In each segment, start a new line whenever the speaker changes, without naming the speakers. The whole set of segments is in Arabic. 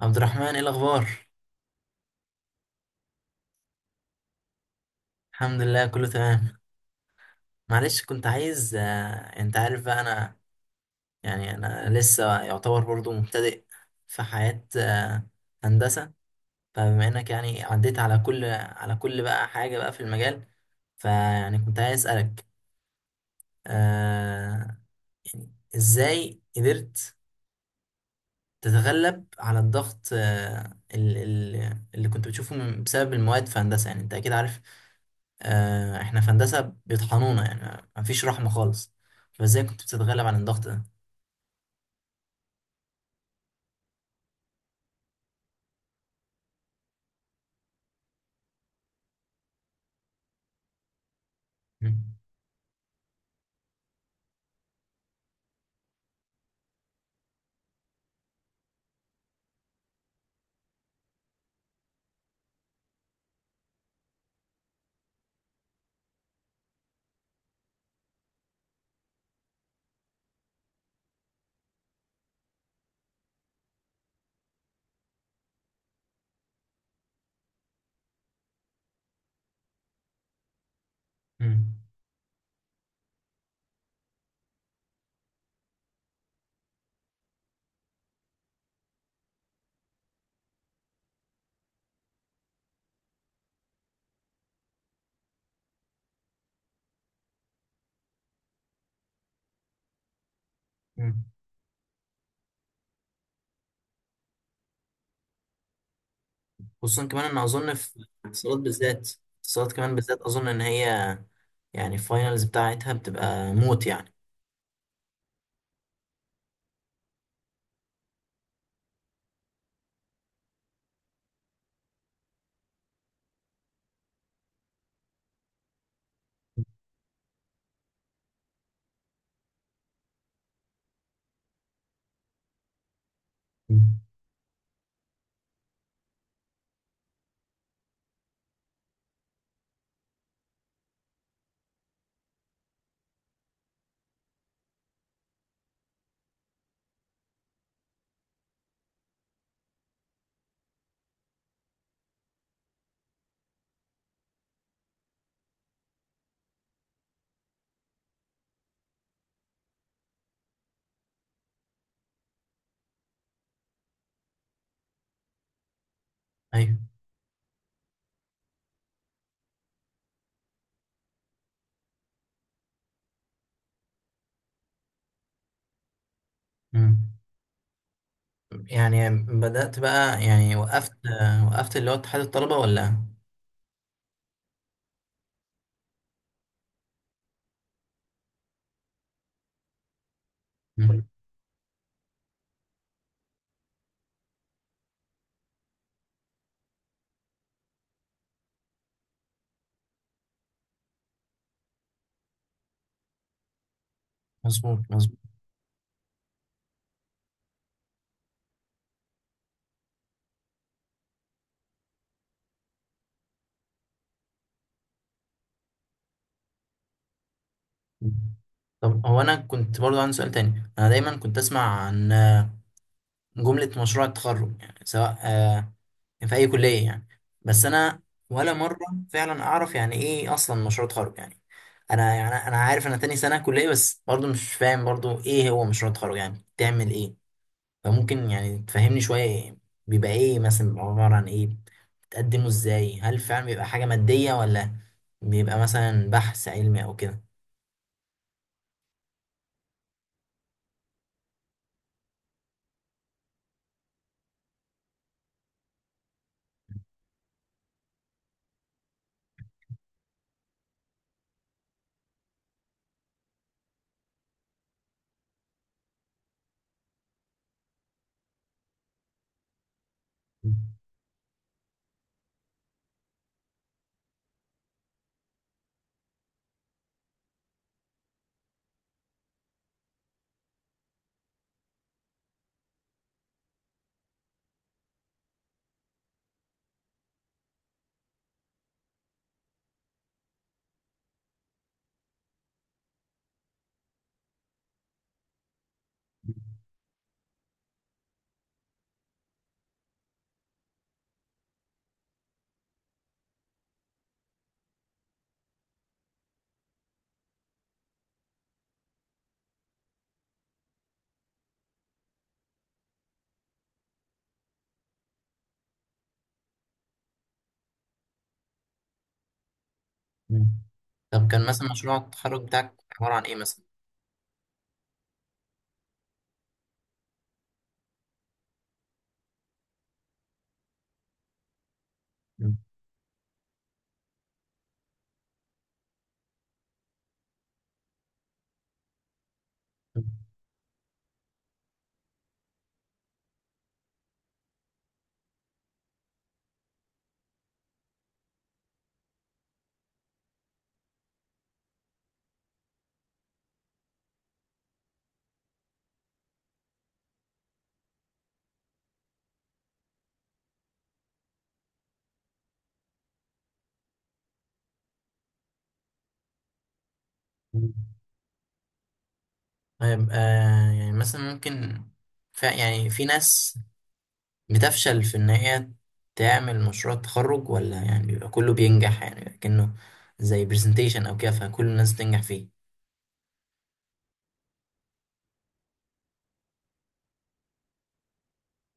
عبد الرحمن، ايه الاخبار؟ الحمد لله كله تمام. معلش، كنت عايز انت عارف بقى انا انا لسه يعتبر برضو مبتدئ في حياة هندسة. فبما انك يعني عديت على كل بقى حاجة بقى في المجال، كنت عايز اسألك، آه، يعني ازاي قدرت تتغلب على الضغط، اللي كنت بتشوفه بسبب المواد في هندسة؟ يعني انت اكيد عارف، احنا في هندسة بيطحنونا يعني مفيش رحمة خالص. فازاي كنت بتتغلب على الضغط ده؟ مم. مم. مم. خصوصا كمان ان اظن في الاتصالات بالذات. الاتصالات كمان بالذات اظن ان هي يعني الفاينلز بتاعتها بتبقى موت يعني. مم. ايوه. مم. يعني بدأت بقى يعني وقفت، وقفت اللي هو اتحاد الطلبة ولا؟ مم. مظبوط مظبوط. طب هو انا كنت برضو عندي سؤال تاني، انا دايما كنت اسمع عن جملة مشروع التخرج، يعني سواء في اي كلية يعني، بس انا ولا مرة فعلا اعرف يعني ايه اصلا مشروع تخرج يعني. انا يعني انا عارف انا تاني سنة كلية بس برضو مش فاهم برضو ايه هو مشروع التخرج، يعني بتعمل ايه؟ فممكن يعني تفهمني شوية إيه؟ بيبقى ايه مثلا، بيبقى عبارة عن ايه، بتقدمه ازاي، هل فعلا بيبقى حاجة مادية ولا بيبقى مثلا بحث علمي او كده؟ طب كان مثلا مشروع التخرج بتاعك عبارة عن ايه مثلا؟ مم. مم. طيب يعني مثلا ممكن يعني في ناس بتفشل في ان هي تعمل مشروع تخرج ولا يعني بيبقى كله بينجح، يعني بيبقى كأنه زي برزنتيشن او كده فكل الناس بتنجح فيه؟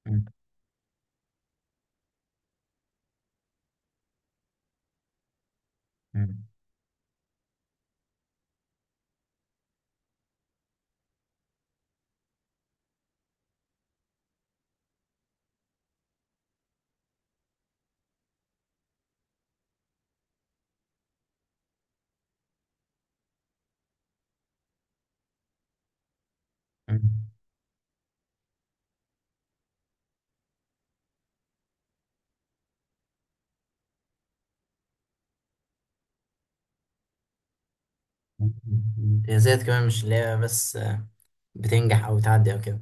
مم. مم. مم. امتيازات كمان مش اللي هي بس بتنجح او بتعدي او كده؟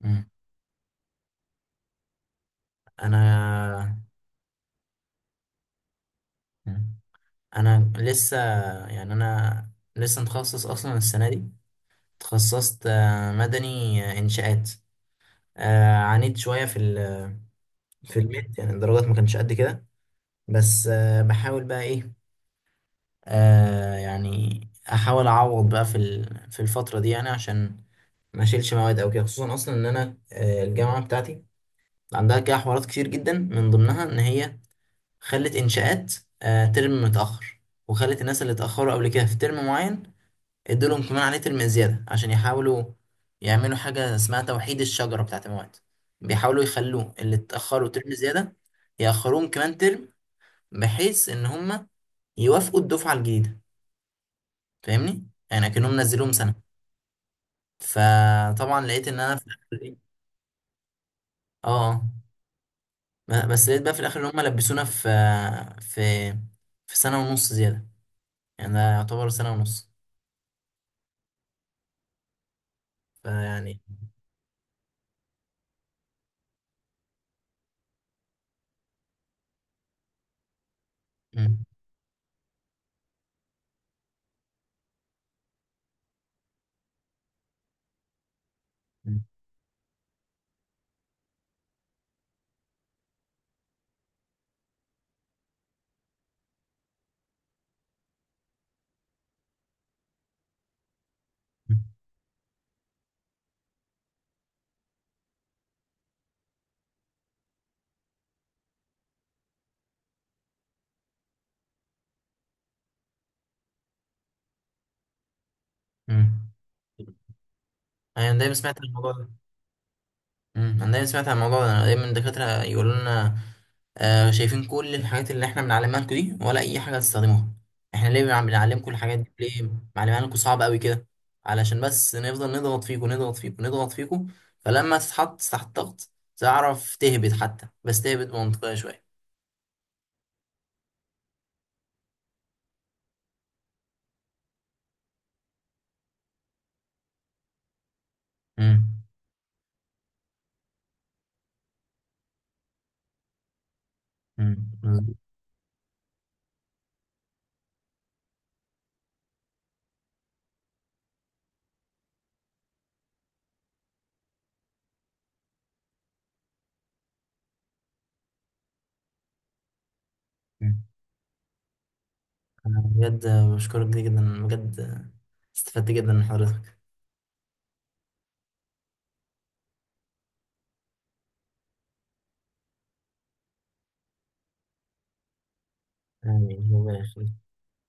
مم. انا. مم. انا لسه يعني انا لسه متخصص اصلا السنة دي. تخصصت مدني، إنشاءات. عانيت شوية في الميد، يعني الدرجات ما كانتش قد كده. بس بحاول بقى إيه، آه، يعني أحاول أعوض بقى في الفترة دي يعني عشان ما أشيلش مواد أو كده. خصوصا أصلا إن أنا الجامعة بتاعتي عندها كده حوارات كتير جدا، من ضمنها إن هي خلت إنشاءات ترم متأخر، وخلت الناس اللي اتأخروا قبل كده في ترم معين ادولهم كمان عليه ترم زيادة، عشان يحاولوا يعملوا حاجة اسمها توحيد الشجرة بتاعة المواد. بيحاولوا يخلوه اللي اتأخروا ترم زيادة يأخروهم كمان ترم، بحيث إن هما يوافقوا الدفعة الجديدة. فاهمني؟ يعني أكنهم نزلوهم سنة. فطبعا لقيت إن أنا في الآخر إيه؟ آه. آه. بس لقيت بقى في الآخر إن هما لبسونا في في في سنة ونص زيادة، يعني ده يعتبر سنة ونص. فيعني. مم. مم. مم. أيوة، أنا دايما سمعت الموضوع ده. مم. انا دايما سمعت عن الموضوع ده، أنا دايما الدكاترة يقولوا لنا، آه، شايفين كل الحاجات اللي احنا بنعلمها لكم دي ولا اي حاجة هتستخدموها؟ احنا ليه بنعلمكم الحاجات دي؟ ليه معلمها لكم صعبة قوي كده؟ علشان بس نفضل نضغط فيكم نضغط فيكم نضغط فيكم، فلما تتحط تحت ضغط تعرف تهبط، حتى بس تهبط منطقية شوية. مم. مم. مم. انا بجد بشكرك جدا جدا، بجد استفدت جدا من حضرتك. آمين، ربنا يخليك.